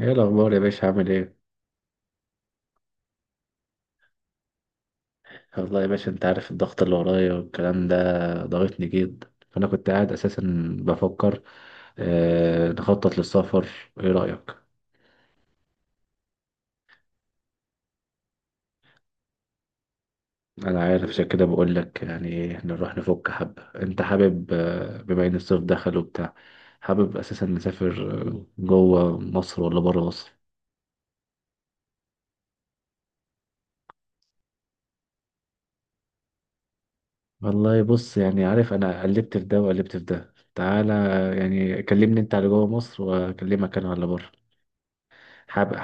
ايه الاخبار يا باشا عامل ايه؟ والله يا باشا انت عارف الضغط اللي ورايا والكلام ده ضغطني جدا، فانا كنت قاعد اساسا بفكر، نخطط للسفر. ايه رايك؟ انا عارف، عشان كده بقول لك يعني نروح نفك حبه. انت حابب، بما ان الصيف دخل وبتاع. حابب اساسا نسافر، جوه مصر ولا بره مصر؟ والله بص يعني عارف، انا قلبت في ده وقلبت في ده. تعالى، يعني كلمني انت على جوه مصر واكلمك انا على بره. حابب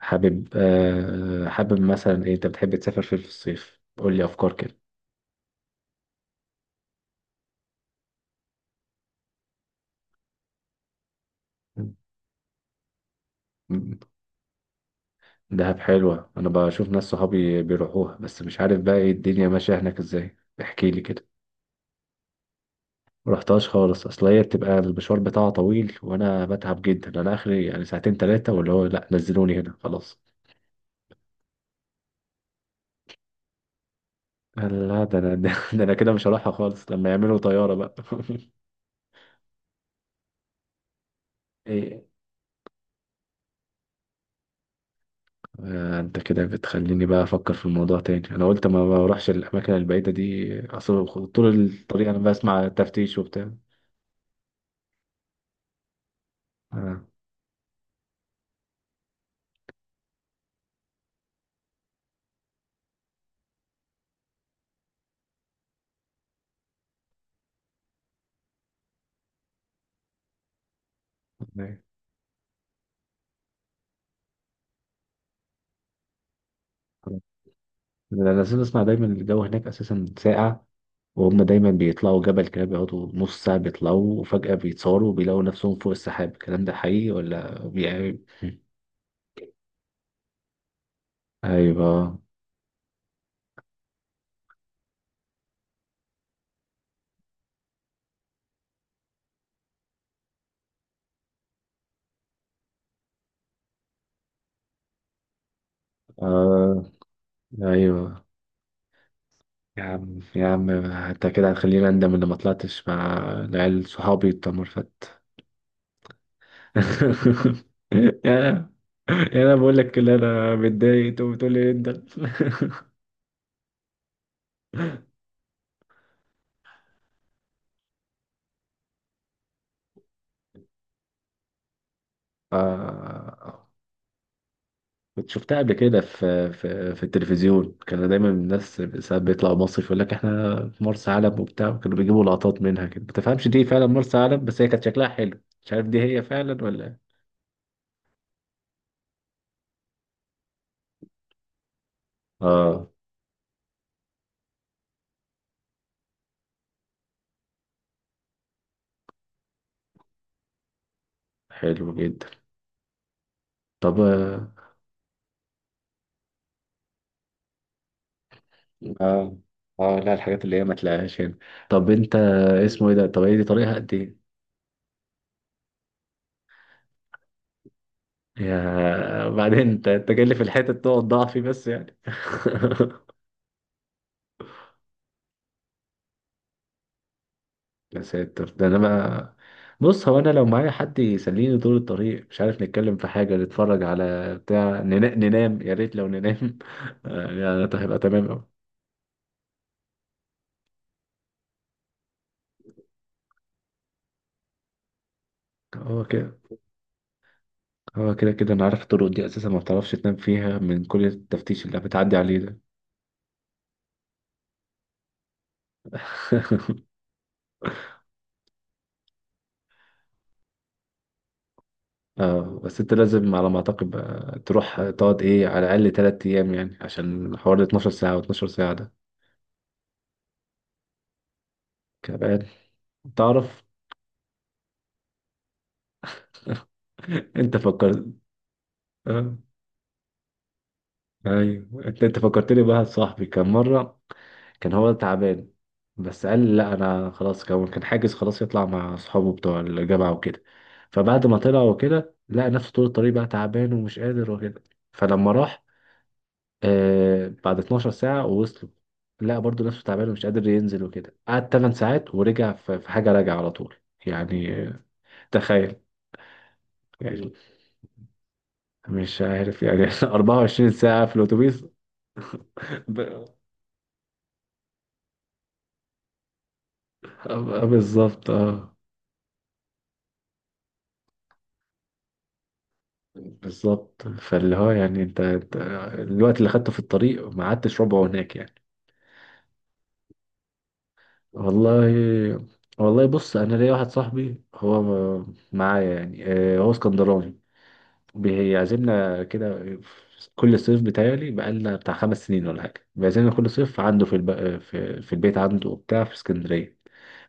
حابب حابب مثلا ايه. انت بتحب تسافر فين في الصيف؟ قول لي افكار كده. م- دهب حلوة. انا بشوف ناس صحابي بيروحوها، بس مش عارف بقى ايه الدنيا ماشية هناك ازاي. احكي لي كده. مرحتهاش خالص، اصل هي بتبقى المشوار بتاعها طويل وانا بتعب جدا. انا اخري يعني ساعتين ثلاثة واللي هو لا نزلوني هنا خلاص. لا ده انا ده انا كده مش هروحها خالص لما يعملوا طيارة بقى. إيه، انت كده بتخليني بقى افكر في الموضوع تاني. انا قلت ما بروحش الاماكن البعيده دي، اصل طول الطريق انا بسمع تفتيش وبتاع. آه. أيوة. انا لازم اسمع دايما. الجو هناك اساسا ساقع، وهم دايما بيطلعوا جبل كده، بيقعدوا نص ساعه بيطلعوا وفجاه بيتصوروا وبيلاقوا نفسهم فوق السحاب. الكلام ده حقيقي ولا ايوه. آه. ايوه، يا عم يا عم انت كده هتخليني اندم ان ما طلعتش مع العيال صحابي بتوع مرفت. يا يا انا بقول لك اللي انا متضايق انت بتقول لي انت. آه، كنت شفتها قبل كده في في التلفزيون. كانوا دايما الناس ساعات بيطلعوا مصيف، يقول لك احنا في مرسى علم وبتاع، كانوا بيجيبوا لقطات منها كده ما تفهمش دي فعلا مرسى علم. بس هي كانت شكلها حلو، مش عارف دي هي فعلا ولا إيه. اه. حلو جدا. طب اه اه، لا الحاجات اللي هي ما تلاقيهاش هنا. طب انت، اسمه ايه ده؟ طب هي دي طريقها قد ايه؟ يا بعدين انت جاي لي في الحتة تقعد ضعفي، بس يعني. يا ساتر، ده انا ما. بص، هو انا لو معايا حد يسليني طول الطريق، مش عارف نتكلم في حاجة، نتفرج على بتاع، ننام، يا ريت لو ننام. يعني ده هيبقى تمام اوي. هو كده، هو كده كده انا عارف الطرق دي اساسا ما بتعرفش تنام فيها من كل التفتيش اللي بتعدي عليه ده. اه، بس انت لازم على ما اعتقد بقى تروح تقعد ايه على الاقل 3 ايام يعني، عشان حوالي 12 ساعة و12 ساعة ده. كده بقى، تعرف. انت فكرت. اه، ايوه انت فكرتني بواحد صاحبي. كان مره كان هو تعبان، بس قال لي لا انا خلاص، كان حاجز خلاص يطلع مع اصحابه بتوع الجامعه وكده. فبعد ما طلع وكده لقى نفسه طول الطريق بقى تعبان ومش قادر وكده. فلما راح، آه بعد 12 ساعه ووصلوا، لقى برضه نفسه تعبان ومش قادر ينزل وكده. قعد 8 ساعات ورجع. في حاجه راجع على طول. يعني، تخيل. يعني مش عارف يعني 24 ساعة في الأتوبيس. ب... بالظبط اه. بالظبط، فاللي هو يعني انت الوقت اللي خدته في الطريق ما قعدتش ربعه هناك يعني. والله، والله بص انا ليا واحد صاحبي، هو معايا يعني، هو اسكندراني، بيعزمنا كده في كل صيف. بتاعي بقالنا بتاع 5 سنين ولا حاجة، بيعزمنا كل صيف عنده في البيت عنده وبتاع في اسكندرية.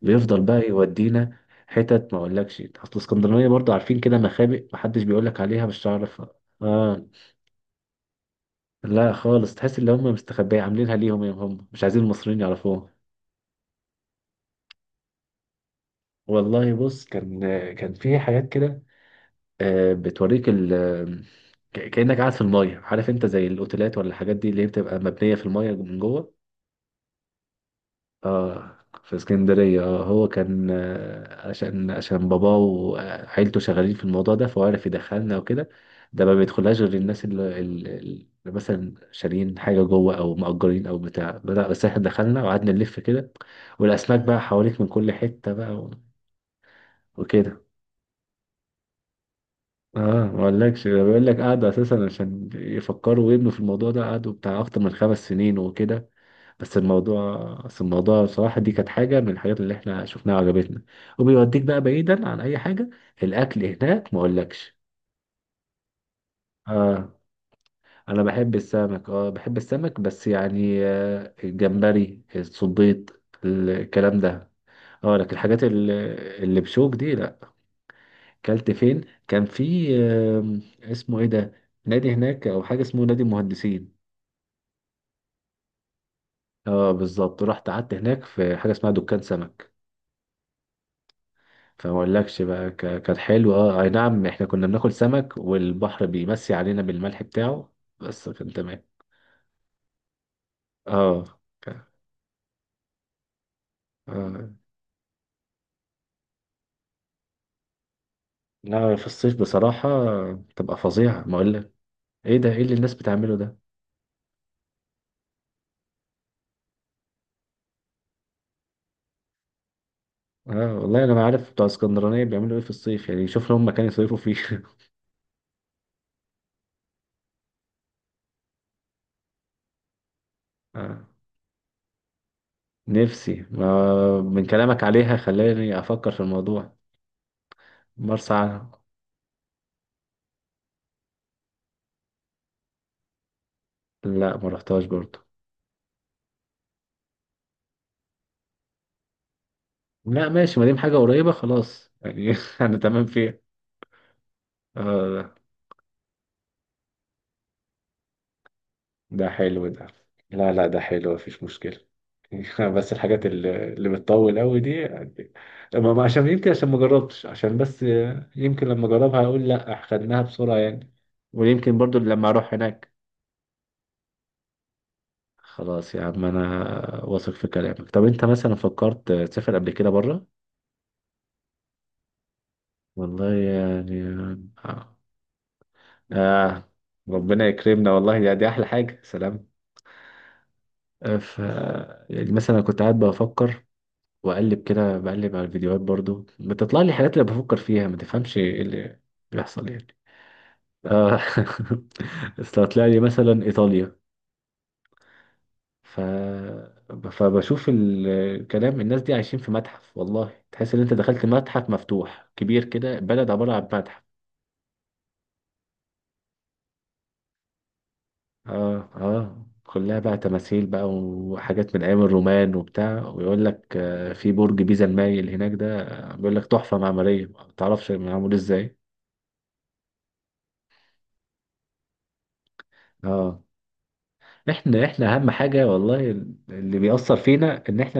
بيفضل بقى يودينا حتت ما اقولكش، اصل اسكندرانية برضه عارفين كده مخابئ محدش بيقولك عليها مش هتعرف. اه، لا خالص، تحس ان هم مستخبية عاملينها ليهم، يا هم مش عايزين المصريين يعرفوها. والله بص، كان، كان في حاجات كده، بتوريك كأنك قاعد في المية، عارف انت، زي الاوتيلات ولا الحاجات دي اللي هي بتبقى مبنية في المية من جوه. اه، في اسكندرية اه. هو كان، عشان عشان باباه وعيلته شغالين في الموضوع ده، فهو عرف يدخلنا وكده. ده ما بيدخلهاش غير الناس اللي مثلا شاريين حاجة جوه أو مأجرين أو بتاع بدأ، بس احنا دخلنا وقعدنا نلف كده، والأسماك بقى حواليك من كل حتة بقى، و- وكده. اه، ما اقولكش، ده بيقول لك قعدوا اساسا عشان يفكروا ويبنوا في الموضوع ده قعدوا بتاع اكتر من 5 سنين وكده. بس الموضوع بس الموضوع بصراحه دي كانت حاجه من الحاجات اللي احنا شفناها وعجبتنا، وبيوديك بقى بعيدا عن اي حاجه. الاكل هناك ما اقولكش. اه، انا بحب السمك. اه بحب السمك، بس يعني آه الجمبري الصبيط الكلام ده. اه، لكن الحاجات اللي بشوك دي لا. كلت فين، كان في اسمه ايه ده، نادي هناك او حاجه اسمه نادي المهندسين. اه بالظبط، رحت قعدت هناك في حاجه اسمها دكان سمك. فما اقولكش بقى، كان حلو. اه اي نعم احنا كنا بناكل سمك والبحر بيمسي علينا بالملح بتاعه، بس كان تمام. اه اه، لا في الصيف بصراحه تبقى فظيعه ما اقولك. ايه ده، ايه اللي الناس بتعمله ده. اه والله انا ما عارف بتوع اسكندرانيه بيعملوا ايه في الصيف، يعني شوف لهم مكان يصيفوا فيه. اه، نفسي، ما من كلامك عليها خلاني افكر في الموضوع. مرسى علم. لا ما رحتهاش برضو. لا ماشي، ما دام حاجه قريبه خلاص يعني. انا تمام فيها. آه، ده حلو ده. لا لا ده حلو، مفيش مشكله. بس الحاجات اللي بتطول قوي دي يعني. عشان يمكن عشان ما جربتش، عشان بس، يمكن لما اجربها اقول لا خدناها بسرعه يعني، ويمكن برضو لما اروح هناك. خلاص يا عم، انا واثق في كلامك. طب انت مثلا فكرت تسافر قبل كده بره؟ والله يعني. آه. آه. ربنا يكرمنا والله، يعني دي أحلى حاجة. سلام. آه، ف يعني مثلا أنا كنت قاعد بفكر وأقلب كده، بقلب على الفيديوهات برضو بتطلع لي حاجات اللي بفكر فيها، ما تفهمش إيه اللي بيحصل يعني. آه. أصل طلع لي مثلا إيطاليا. ف فبشوف الكلام. الناس دي عايشين في متحف، والله تحس إن أنت دخلت متحف مفتوح كبير كده، بلد عبارة عن متحف. اه اه، كلها بقى تماثيل بقى وحاجات من ايام الرومان وبتاع. ويقول لك، في برج بيزا المايل هناك ده، بيقول لك تحفة معمارية ما تعرفش معمول ازاي. اه، احنا اهم حاجة والله اللي بيأثر فينا ان احنا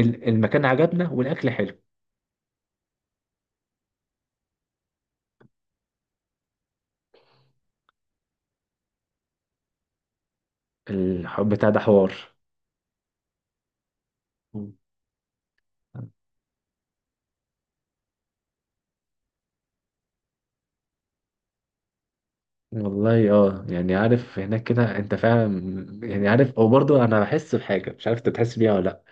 المكان عجبنا والاكل حلو. الحب بتاع ده حوار. والله اه يعني، عارف هناك كده انت فعلا، يعني عارف. وبرضه انا بحس بحاجة، مش عارف انت بتحس بيها ولا،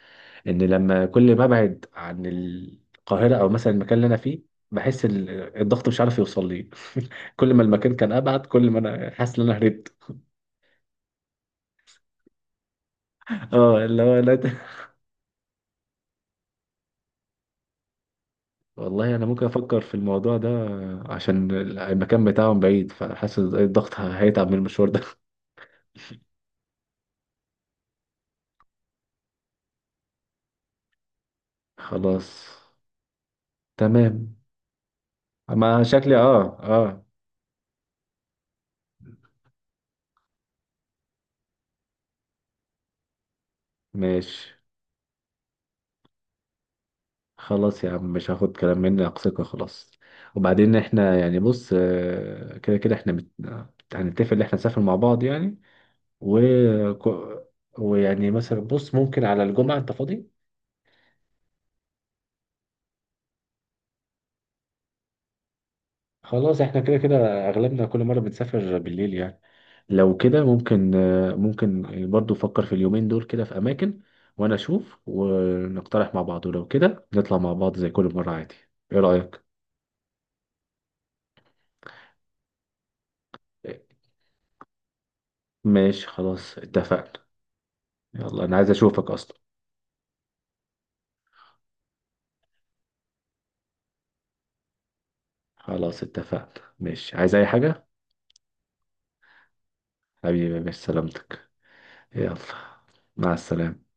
ان لما كل ما ابعد عن القاهره او مثلا المكان اللي انا فيه، بحس الضغط مش عارف يوصل لي، كل ما المكان كان ابعد كل ما انا حاسس ان انا هربت. اه، اللي هو لا والله انا ممكن افكر في الموضوع ده، عشان المكان بتاعهم بعيد، فحاسس الضغط هيتعب من المشوار ده. خلاص. تمام. ما شكلي اه اه. ماشي، خلاص يا عم مش هاخد كلام منك ثقة خلاص. وبعدين احنا يعني بص، كده كده احنا هنتفق ان احنا نسافر مع بعض يعني، و... ك- ويعني مثلا بص ممكن على الجمعة انت فاضي؟ خلاص احنا كده كده اغلبنا كل مرة بنسافر بالليل يعني، لو كده ممكن، ممكن. برضو فكر في اليومين دول كده في اماكن، وانا اشوف، ونقترح مع بعض، ولو كده نطلع مع بعض زي كل مرة عادي. ايه رأيك؟ ماشي خلاص اتفقنا. يلا انا عايز اشوفك اصلا. خلاص اتفقنا ماشي. عايز اي حاجة؟ حبيبي، مش سلامتك. يلا، مع السلامة.